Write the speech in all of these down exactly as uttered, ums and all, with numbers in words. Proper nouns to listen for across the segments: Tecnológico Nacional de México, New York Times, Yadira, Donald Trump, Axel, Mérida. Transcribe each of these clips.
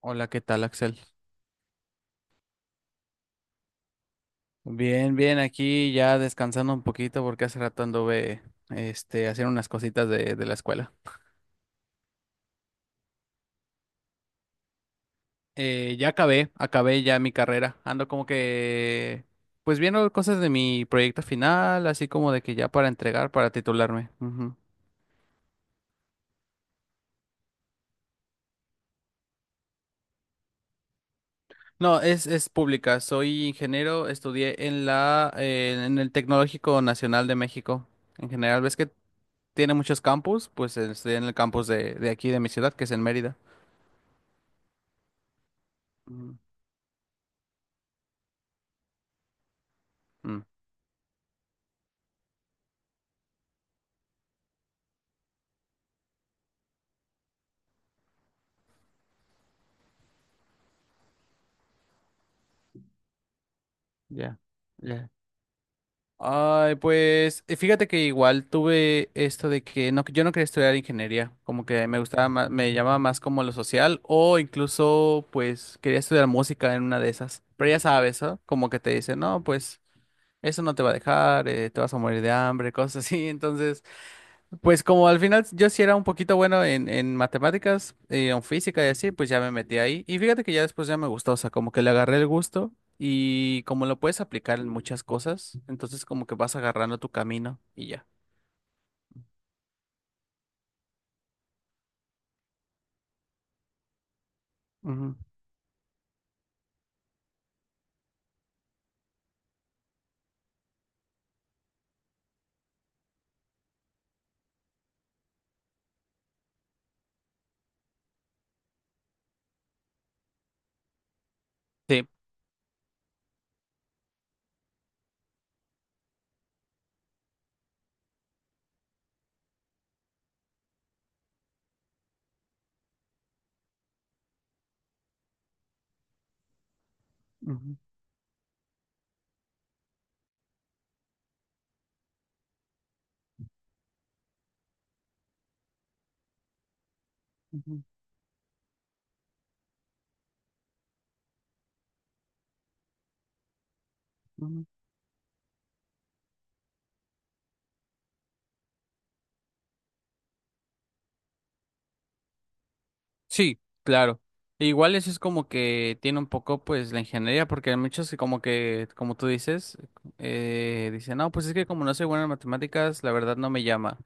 Hola, ¿qué tal, Axel? Bien, bien, aquí ya descansando un poquito porque hace rato anduve este, haciendo unas cositas de, de la escuela. Eh, ya acabé, acabé ya mi carrera. Ando como que, pues viendo cosas de mi proyecto final, así como de que ya para entregar, para titularme. Ujú. No, es, es pública. Soy ingeniero, estudié en la, eh, en el Tecnológico Nacional de México. En general, ves que tiene muchos campus, pues eh, estudié en el campus de, de aquí, de mi ciudad, que es en Mérida. Ujú. Mm. Ya, ya. Ay, pues eh, fíjate que igual tuve esto de que no, yo no quería estudiar ingeniería, como que me gustaba más, me llamaba más como lo social o incluso pues quería estudiar música en una de esas. Pero ya sabes, ¿no? Como que te dicen, no, pues eso no te va a dejar, eh, te vas a morir de hambre, cosas así. Entonces, pues como al final yo sí era un poquito bueno en, en matemáticas, eh, en física y así, pues ya me metí ahí. Y fíjate que ya después ya me gustó, o sea, como que le agarré el gusto y como lo puedes aplicar en muchas cosas, entonces como que vas agarrando tu camino y ya. Ujú. Sí. Ujú, ujú, ujú. Sí, claro. E igual eso es como que tiene un poco pues la ingeniería, porque hay muchos que como que, como tú dices, eh, dicen, no, pues es que como no soy bueno en matemáticas, la verdad no me llama.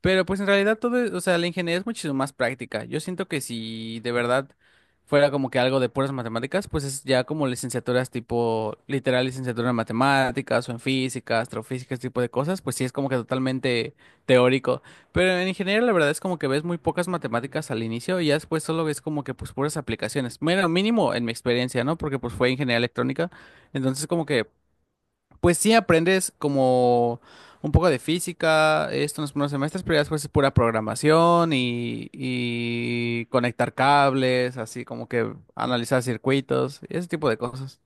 Pero pues en realidad todo, es- o sea, la ingeniería es muchísimo más práctica. Yo siento que si de verdad fuera como que algo de puras matemáticas, pues es ya como licenciaturas tipo, literal licenciatura en matemáticas o en física, astrofísica, ese tipo de cosas, pues sí es como que totalmente teórico. Pero en ingeniería la verdad es como que ves muy pocas matemáticas al inicio y ya después solo ves como que pues puras aplicaciones. Bueno, mínimo en mi experiencia, ¿no? Porque pues fue ingeniería electrónica. Entonces como que pues sí aprendes como un poco de física, esto en los primeros semestres, pero ya después es pura programación y, y conectar cables, así como que analizar circuitos, ese tipo de cosas.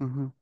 Ujú.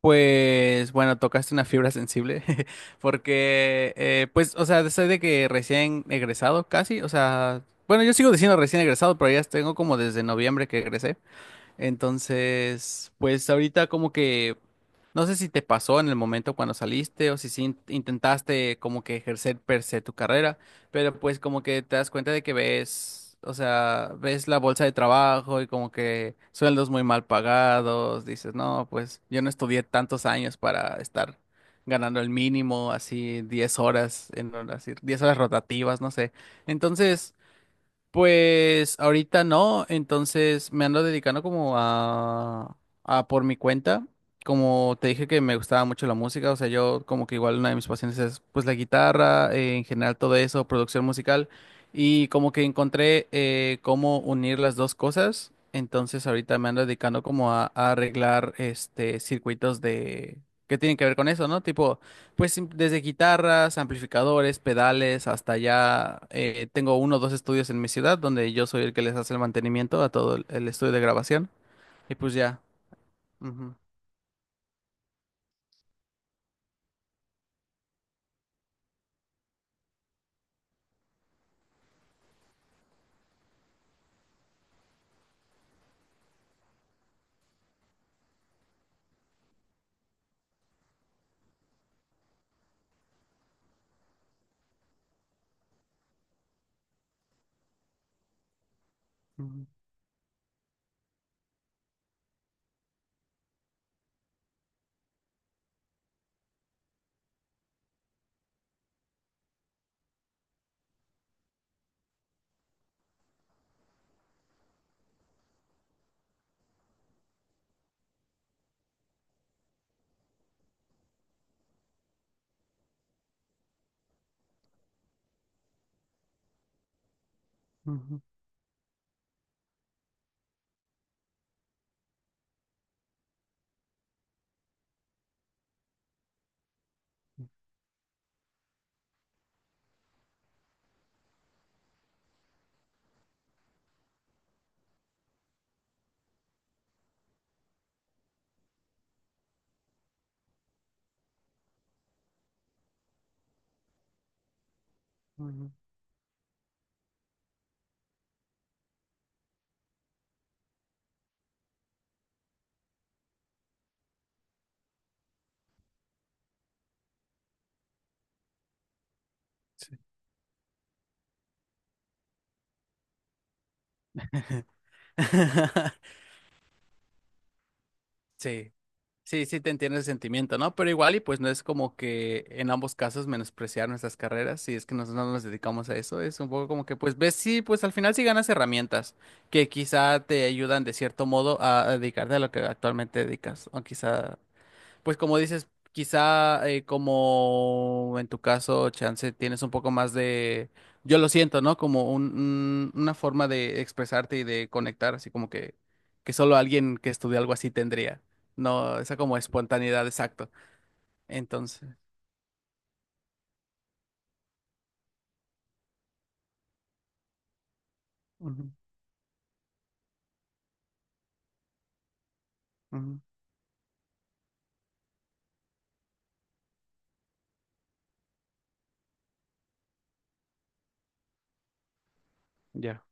Pues bueno, tocaste una fibra sensible porque, eh, pues, o sea, desde de que recién egresado casi, o sea, bueno, yo sigo diciendo recién egresado, pero ya tengo como desde noviembre que egresé. Entonces, pues ahorita como que no sé si te pasó en el momento cuando saliste o si sí in- intentaste como que ejercer per se tu carrera, pero pues como que te das cuenta de que ves, o sea, ves la bolsa de trabajo y como que sueldos muy mal pagados, dices, no, pues yo no estudié tantos años para estar ganando el mínimo, así diez horas, en, horas- diez horas rotativas, no sé. Entonces... Pues ahorita no, entonces me ando dedicando como a, a por mi cuenta. Como te dije que me gustaba mucho la música, o sea, yo como que igual una de mis pasiones es pues la guitarra, eh, en general todo eso, producción musical, y como que encontré eh, cómo unir las dos cosas, entonces ahorita me ando dedicando como a, a arreglar este circuitos de que tienen que ver con eso, ¿no? Tipo pues sim- desde guitarras, amplificadores, pedales, hasta ya eh, tengo uno o dos estudios en mi ciudad donde yo soy el que les hace el mantenimiento a todo el, el estudio de grabación. Y pues ya. Ujú, ujú, ujú, ujú. Sí. Sí, sí, sí te entiendo el sentimiento, ¿no? Pero igual y pues no es como que en ambos casos menospreciar nuestras carreras, si es que nosotros no nos dedicamos a eso, es un poco como que pues ves, sí, pues al final sí ganas herramientas que quizá te ayudan de cierto modo a, a dedicarte a lo que actualmente dedicas, o quizá pues como dices, quizá eh, como en tu caso, Chance, tienes un poco más de, Yo lo siento, ¿no? Como un, un- una forma de expresarte y de conectar, así como que, que solo alguien que estudia algo así tendría, ¿no? Esa como espontaneidad, exacto. Entonces, ujú, ujú, ya,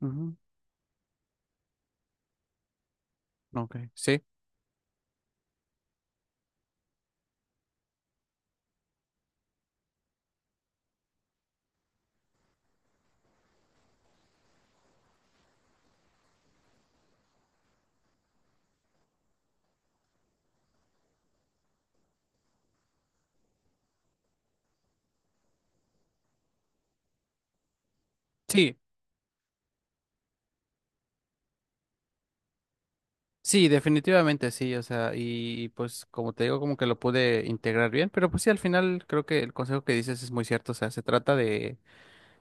ujú, ok, sí, sí, sí, definitivamente sí, o sea, y, y pues como te digo, como que lo pude integrar bien, pero pues sí, al final creo que el consejo que dices es muy cierto, o sea, se trata de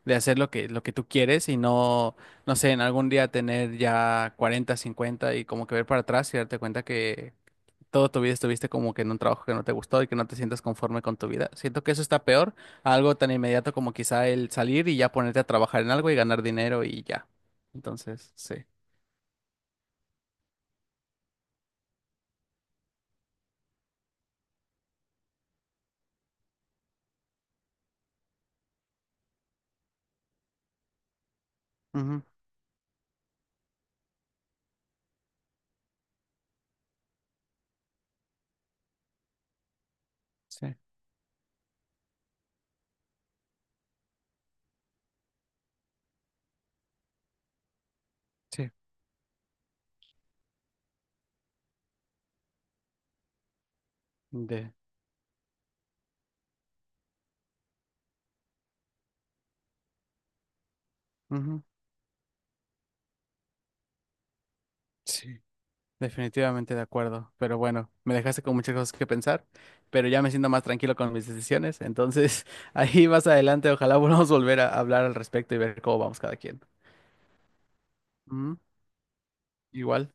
de hacer lo que, lo que tú quieres y no, no sé, en algún día tener ya cuarenta cincuenta y como que ver para atrás y darte cuenta que toda tu vida estuviste como que en un trabajo que no te gustó y que no te sientas conforme con tu vida. Siento que eso está peor a algo tan inmediato como quizá el salir y ya ponerte a trabajar en algo y ganar dinero y ya. Entonces, sí. Ujú. Sí, sí. De. Ujú. Sí. Definitivamente de acuerdo, pero bueno, me dejaste con muchas cosas que pensar, pero ya me siento más tranquilo con mis decisiones, entonces ahí más adelante ojalá volvamos a volver a hablar al respecto y ver cómo vamos cada quien. Ujú. Igual.